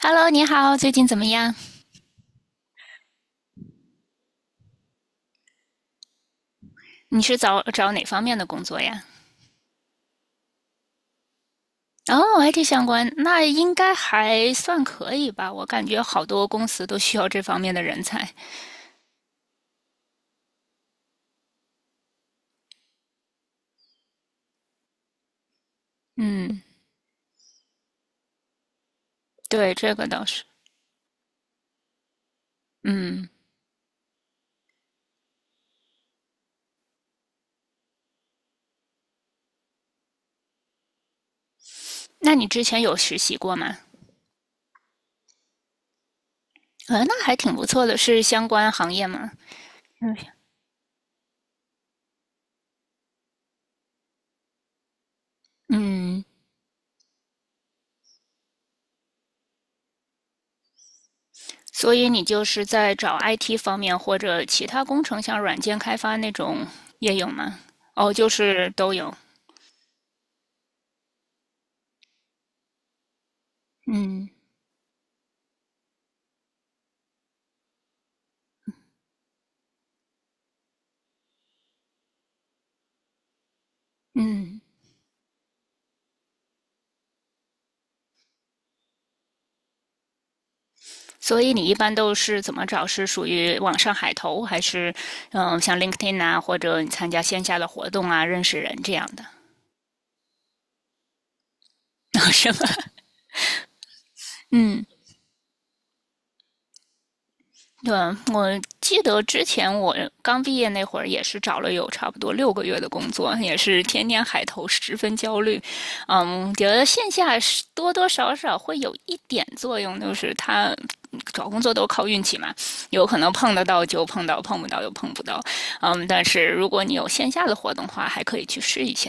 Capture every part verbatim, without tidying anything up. Hello，你好，最近怎么样？你是找找哪方面的工作呀？哦，I T 相关，那应该还算可以吧？我感觉好多公司都需要这方面的人才。嗯，对，这个倒是。嗯，那你之前有实习过吗？呃，那还挺不错的，是相关行业吗？嗯嗯，所以你就是在找 I T 方面或者其他工程，像软件开发那种也有吗？哦，就是都有。嗯嗯。所以你一般都是怎么找？是属于网上海投，还是嗯，呃像 LinkedIn 啊，或者你参加线下的活动啊，认识人这样的，是吧？嗯。对，我记得之前我刚毕业那会儿，也是找了有差不多六个月的工作，也是天天海投，十分焦虑。嗯，觉得线下是多多少少会有一点作用，就是他找工作都靠运气嘛，有可能碰得到就碰到，碰不到又碰不到。嗯，但是如果你有线下的活动的话，还可以去试一下。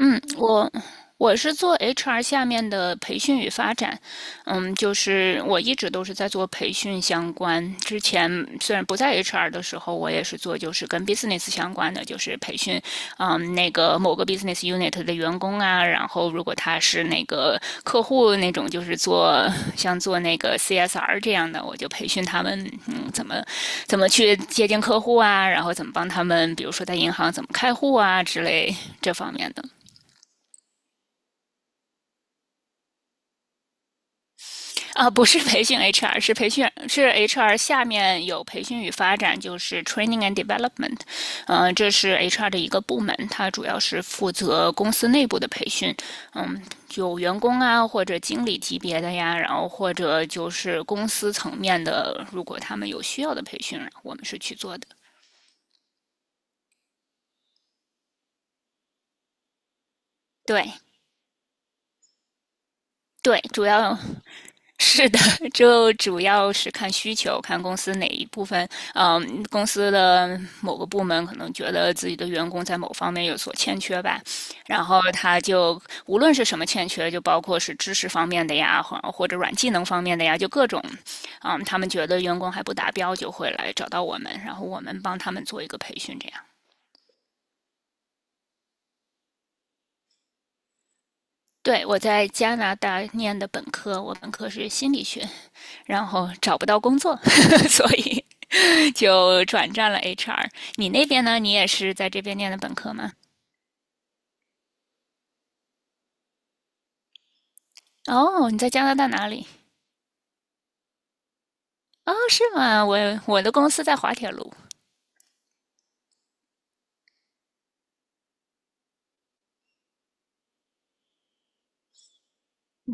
嗯，我我是做 H R 下面的培训与发展，嗯，就是我一直都是在做培训相关。之前虽然不在 H R 的时候，我也是做就是跟 business 相关的，就是培训，嗯，那个某个 business unit 的员工啊，然后如果他是那个客户那种，就是做像做那个 C S R 这样的，我就培训他们，嗯，怎么怎么去接近客户啊，然后怎么帮他们，比如说在银行怎么开户啊之类这方面的。啊，不是培训 H R，是培训是 H R 下面有培训与发展，就是 Training and Development，嗯、呃这是 H R 的一个部门，它主要是负责公司内部的培训，嗯，有员工啊或者经理级别的呀，然后或者就是公司层面的，如果他们有需要的培训，我们是去做的。对，对，主要 是的，就主要是看需求，看公司哪一部分，嗯，公司的某个部门可能觉得自己的员工在某方面有所欠缺吧，然后他就无论是什么欠缺，就包括是知识方面的呀，或或者软技能方面的呀，就各种，嗯，他们觉得员工还不达标，就会来找到我们，然后我们帮他们做一个培训，这样。对，我在加拿大念的本科，我本科是心理学，然后找不到工作，所以就转战了 H R。你那边呢？你也是在这边念的本科吗？哦，你在加拿大哪里？哦，是吗？我我的公司在滑铁卢。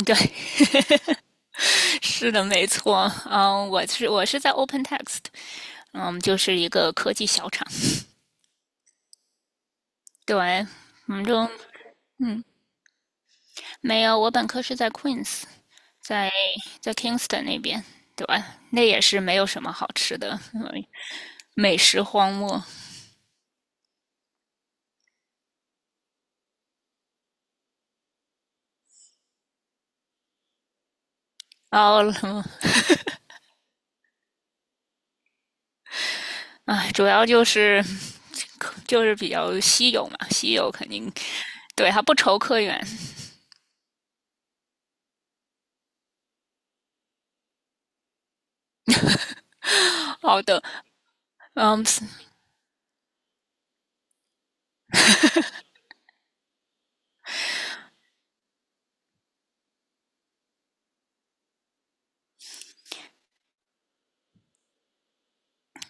对，是的，没错。嗯，我是我是在 OpenText，嗯，就是一个科技小厂。对，我们中嗯没有，我本科是在 Queens，在在 Kingston 那边。对，吧？那也是没有什么好吃的，嗯美食荒漠。然后，哎，主要就是就是比较稀有嘛，稀有肯定对他不愁客源。好的，嗯，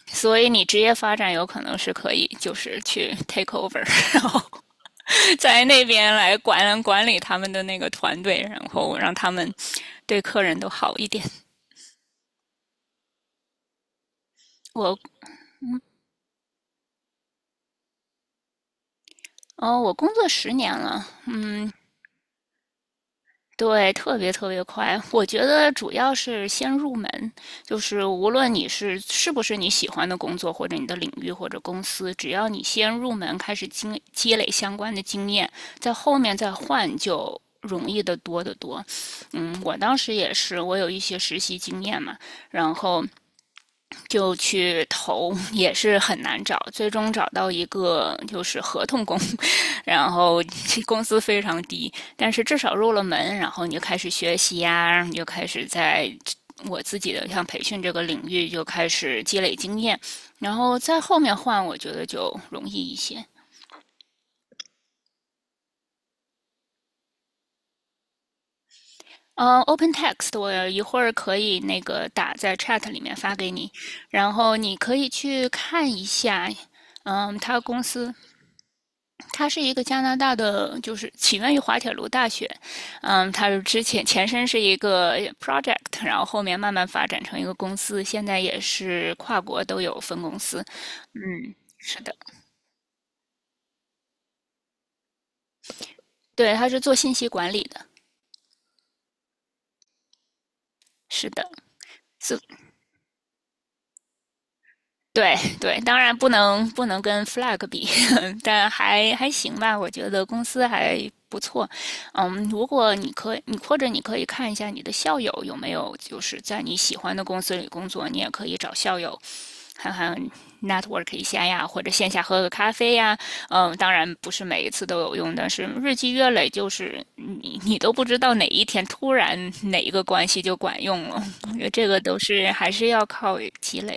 所以你职业发展有可能是可以，就是去 take over，然后在那边来管管理他们的那个团队，然后让他们对客人都好一点。我哦，我工作十年了，嗯，对，特别特别快。我觉得主要是先入门，就是无论你是是不是你喜欢的工作，或者你的领域或者公司，只要你先入门，开始经积累相关的经验，在后面再换就容易的多得多。嗯，我当时也是，我有一些实习经验嘛，然后就去投，也是很难找，最终找到一个就是合同工，然后工资非常低，但是至少入了门，然后你就开始学习呀、啊，你就开始在我自己的像培训这个领域就开始积累经验，然后在后面换，我觉得就容易一些。呃、o p e n t e x t 我一会儿可以那个打在 Chat 里面发给你，然后你可以去看一下。嗯，他公司它是一个加拿大的，就是起源于滑铁卢大学，嗯，它是之前前身是一个 project，然后后面慢慢发展成一个公司，现在也是跨国都有分公司。嗯，是的，对，它是做信息管理的，是的，是。对对，当然不能不能跟 Flag 比，但还还行吧，我觉得公司还不错。嗯，如果你可以，你或者你可以看一下你的校友有没有就是在你喜欢的公司里工作，你也可以找校友看看 network 一下呀，或者线下喝个咖啡呀。嗯，当然不是每一次都有用，但是日积月累，就是你你都不知道哪一天突然哪一个关系就管用了。我觉得这个都是还是要靠积累。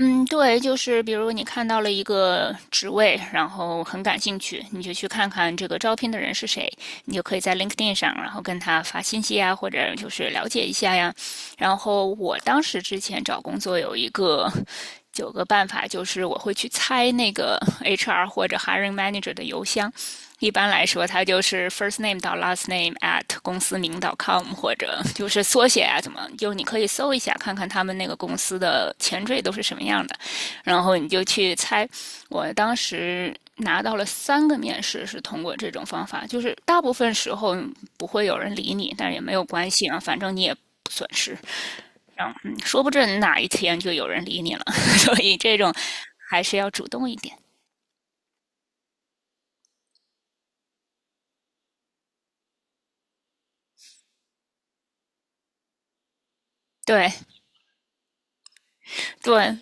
嗯，对，就是比如你看到了一个职位，然后很感兴趣，你就去看看这个招聘的人是谁，你就可以在 LinkedIn 上，然后跟他发信息呀，或者就是了解一下呀。然后我当时之前找工作有一个九个办法，就是我会去猜那个 H R 或者 hiring manager 的邮箱。一般来说，它就是 first name 到 last name at 公司名 .com，或者就是缩写啊，怎么就你可以搜一下，看看他们那个公司的前缀都是什么样的，然后你就去猜。我当时拿到了三个面试是通过这种方法，就是大部分时候不会有人理你，但也没有关系啊，反正你也不损失。嗯，说不准哪一天就有人理你了，所以这种还是要主动一点。对对，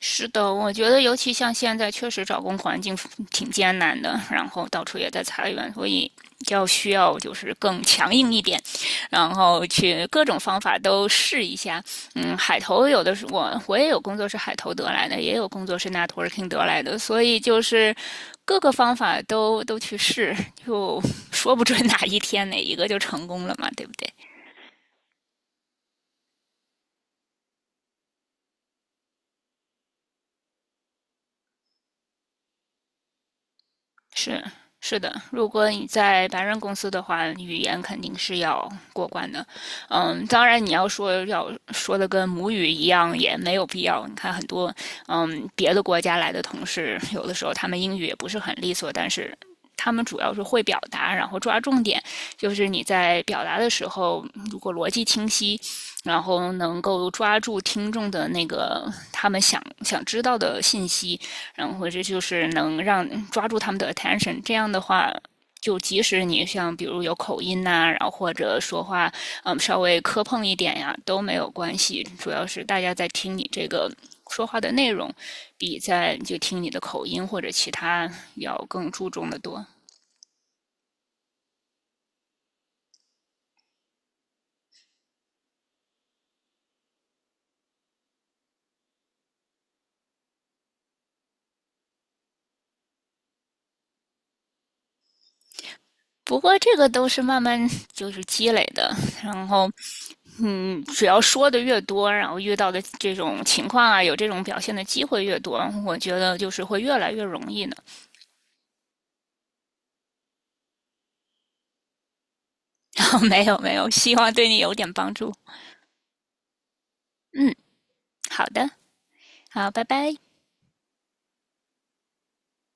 是的，我觉得尤其像现在，确实找工环境挺艰难的，然后到处也在裁员，所以要需要就是更强硬一点，然后去各种方法都试一下。嗯，海投有的是我我也有工作是海投得来的，也有工作是 networking 得来的，所以就是各个方法都都去试，就说不准哪一天哪一个就成功了嘛，对不对？是是的，如果你在白人公司的话，语言肯定是要过关的。嗯，当然你要说要说的跟母语一样也没有必要。你看很多嗯别的国家来的同事，有的时候他们英语也不是很利索，但是他们主要是会表达，然后抓重点。就是你在表达的时候，如果逻辑清晰，然后能够抓住听众的那个他们想想知道的信息，然后这就是能让抓住他们的 attention。这样的话，就即使你像比如有口音呐、啊然后或者说话嗯稍微磕碰一点呀，都没有关系。主要是大家在听你这个说话的内容，比在就听你的口音或者其他要更注重的多。不过这个都是慢慢就是积累的，然后。嗯，只要说的越多，然后遇到的这种情况啊，有这种表现的机会越多，我觉得就是会越来越容易的。哦没有没有，希望对你有点帮助。嗯，好的，好，拜拜。